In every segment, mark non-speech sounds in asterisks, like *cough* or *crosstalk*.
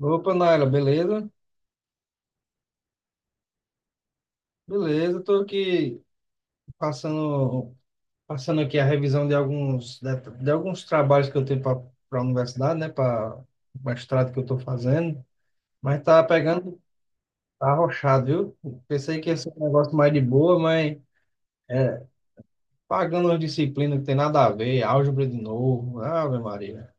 Opa, Naila, beleza? Beleza, estou aqui passando, aqui a revisão de alguns trabalhos que eu tenho para a universidade, né? Para o mestrado que eu estou fazendo, mas tá pegando, tá arrochado, viu? Pensei que ia ser um negócio mais de boa, mas é, pagando uma disciplina que tem nada a ver, álgebra de novo, Ave Maria.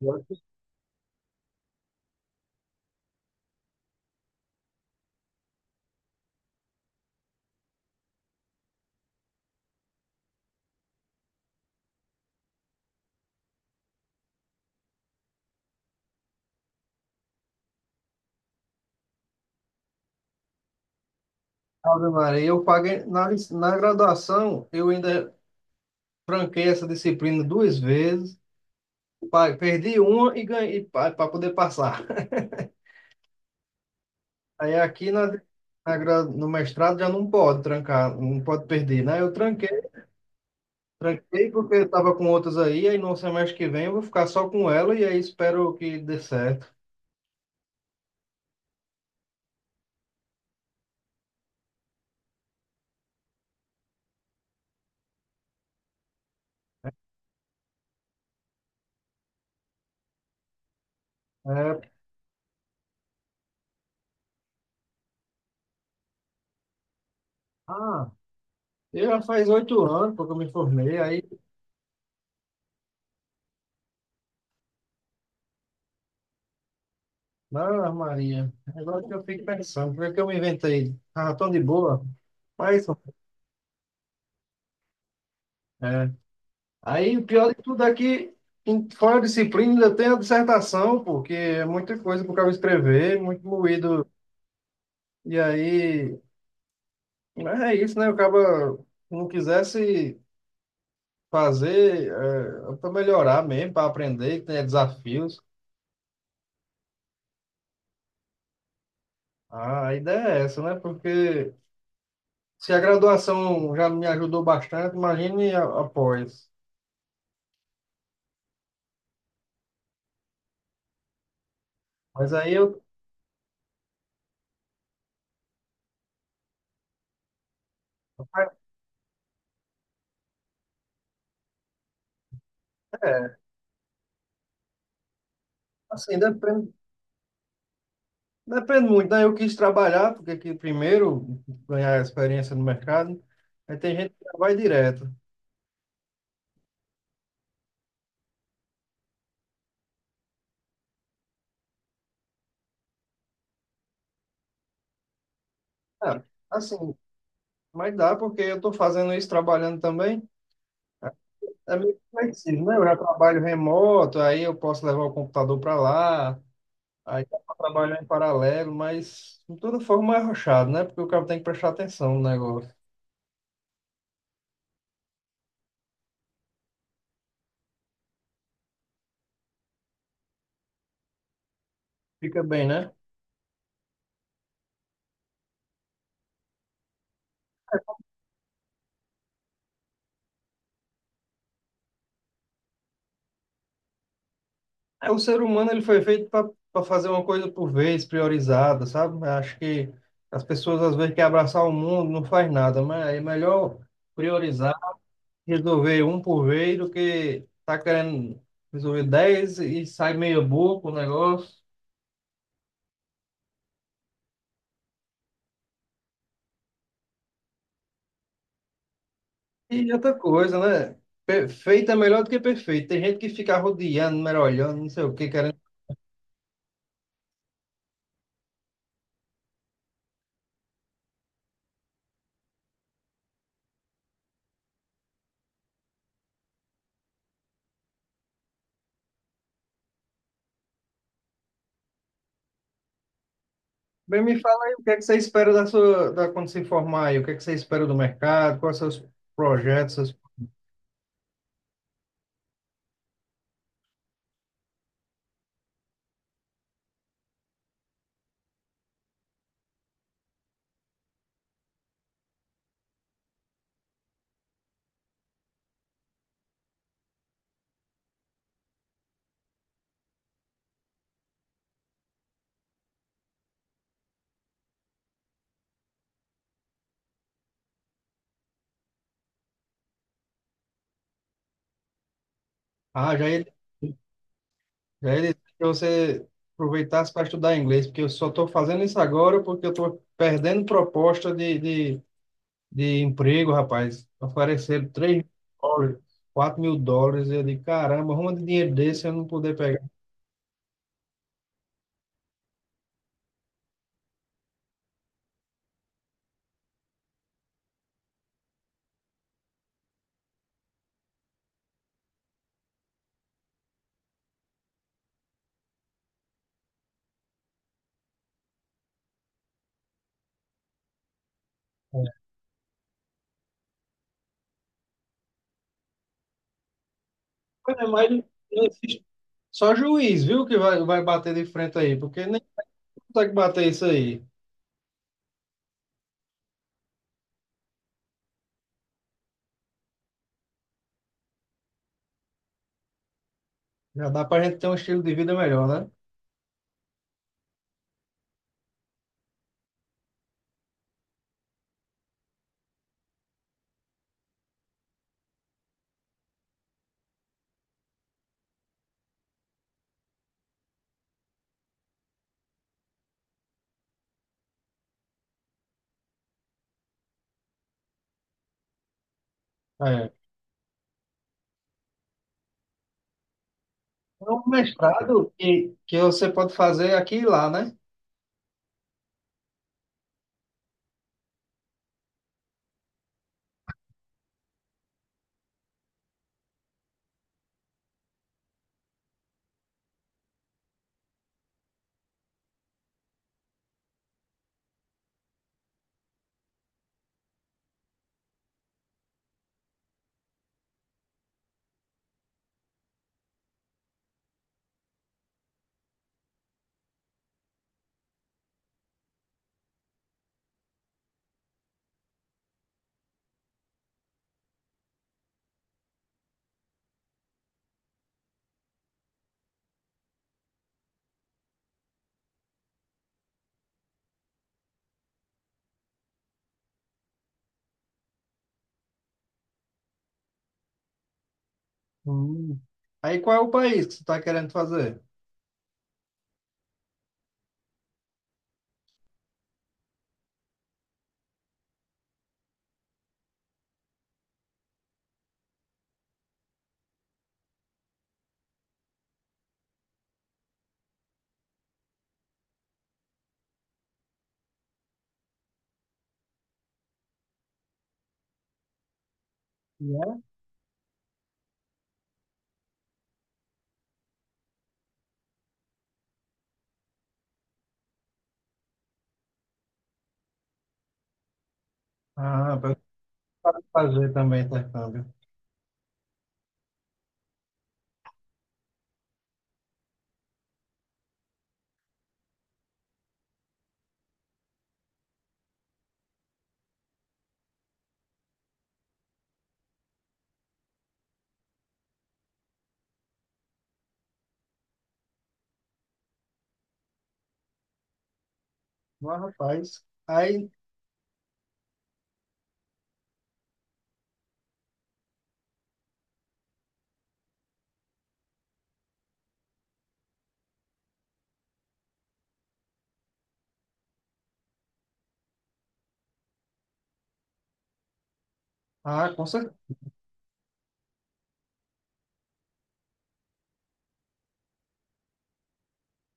Eu que Ave Maria, eu paguei lic- na graduação, eu ainda franquei essa disciplina 2 vezes. Pai, perdi uma e ganhei para poder passar. *laughs* Aí aqui na, na gra- no mestrado já não pode trancar, não pode perder, né? Eu tranquei, porque eu estava com outras aí no semestre que vem eu vou ficar só com ela e aí espero que dê certo. É, ah, eu já faz 8 anos porque eu me formei, aí na Maria. Agora que eu fico pensando, porque que eu me inventei? Ah, tão de boa, mas é, aí o pior de tudo é que em- fora a disciplina ainda tem a dissertação, porque é muita coisa para o cara escrever, muito moído. E aí, mas é isso, né? O cara não quisesse fazer para melhorar mesmo, para aprender, que tenha desafios. Ah, a ideia é essa, né? Porque se a graduação já me ajudou bastante, imagine a- após. Mas aí eu, depende, depende muito, né? Eu quis trabalhar, porque aqui primeiro ganhar experiência no mercado. Aí tem gente que já vai direto. Ah, assim, mas dá, porque eu estou fazendo isso trabalhando também. É meio flexível, né? Eu já trabalho remoto, aí eu posso levar o computador para lá, aí dá para trabalhar em paralelo, mas de toda forma é arrochado, né? Porque o cara tem que prestar atenção no negócio. Fica bem, né? É, o ser humano ele foi feito para fazer uma coisa por vez, priorizada, sabe? Acho que as pessoas às vezes querem abraçar o mundo, não faz nada, mas é melhor priorizar, resolver um por vez do que tá querendo resolver dez e sai meia boca o negócio. E outra coisa, né? Perfeito é melhor do que perfeito. Tem gente que fica rodeando, mergulhando, não sei o que, querendo. Bem, me fala aí o que é que você espera quando se formar aí, o que é que você espera do mercado, quais são os seus projetos, seus... Ah, já Já ele disse que você aproveitasse para estudar inglês, porque eu só estou fazendo isso agora porque eu estou perdendo proposta de emprego, rapaz. Ofereceram US$ 3.000, US$ 4.000. Eu digo, caramba, arruma de dinheiro desse eu não poder pegar. Mas é mais, não existe. Só juiz, viu, que vai bater de frente aí, porque nem consegue bater isso aí. Já dá para a gente ter um estilo de vida melhor, né? É. É um mestrado que você pode fazer aqui e lá, né? Hum. Aí qual é o país que você está querendo fazer? E é? Ah, para fazer também intercâmbio. Mas, rapaz, aí, ah, com certeza.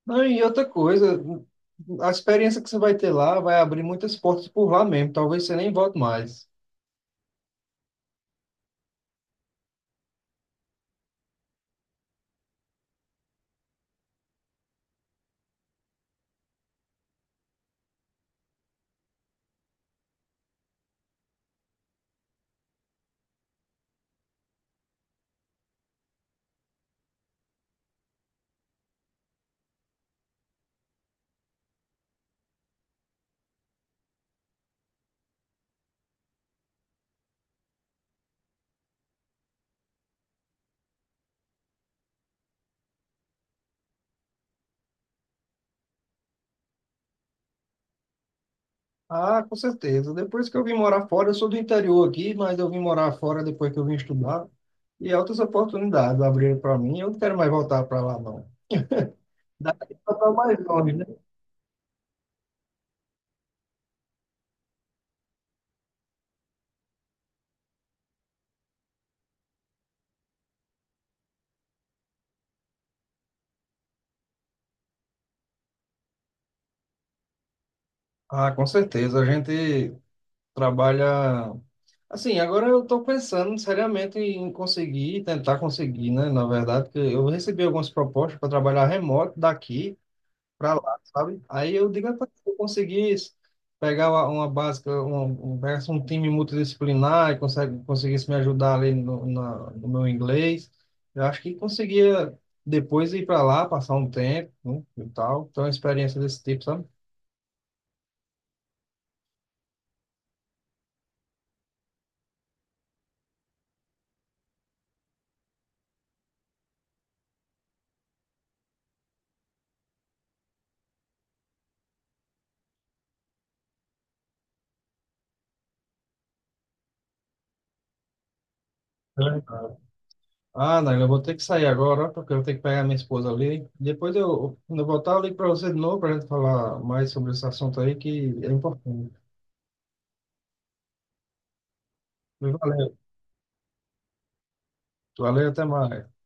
Não, e outra coisa, a experiência que você vai ter lá vai abrir muitas portas por lá mesmo. Talvez você nem volte mais. Ah, com certeza. Depois que eu vim morar fora, eu sou do interior aqui, mas eu vim morar fora depois que eu vim estudar. E é outras oportunidades abriram para mim. Eu não quero mais voltar para lá, não. Daqui para mais longe, né? Ah, com certeza. A gente trabalha Assim, agora eu estou pensando seriamente em conseguir, tentar conseguir, né? Na verdade, porque eu recebi algumas propostas para trabalhar remoto daqui para lá, sabe? Aí eu digo, "Rapaz, se eu conseguir isso, pegar uma básica, pegar um time multidisciplinar e conseguisse me ajudar ali no meu inglês, eu acho que conseguia depois ir para lá, passar um tempo, né? E tal. Então, uma experiência desse tipo, sabe? Ah, Naila, eu vou ter que sair agora, porque eu tenho que pegar minha esposa ali. Depois eu, quando eu voltar, eu ligo para você de novo para a gente falar mais sobre esse assunto aí, que é importante. Valeu, até mais.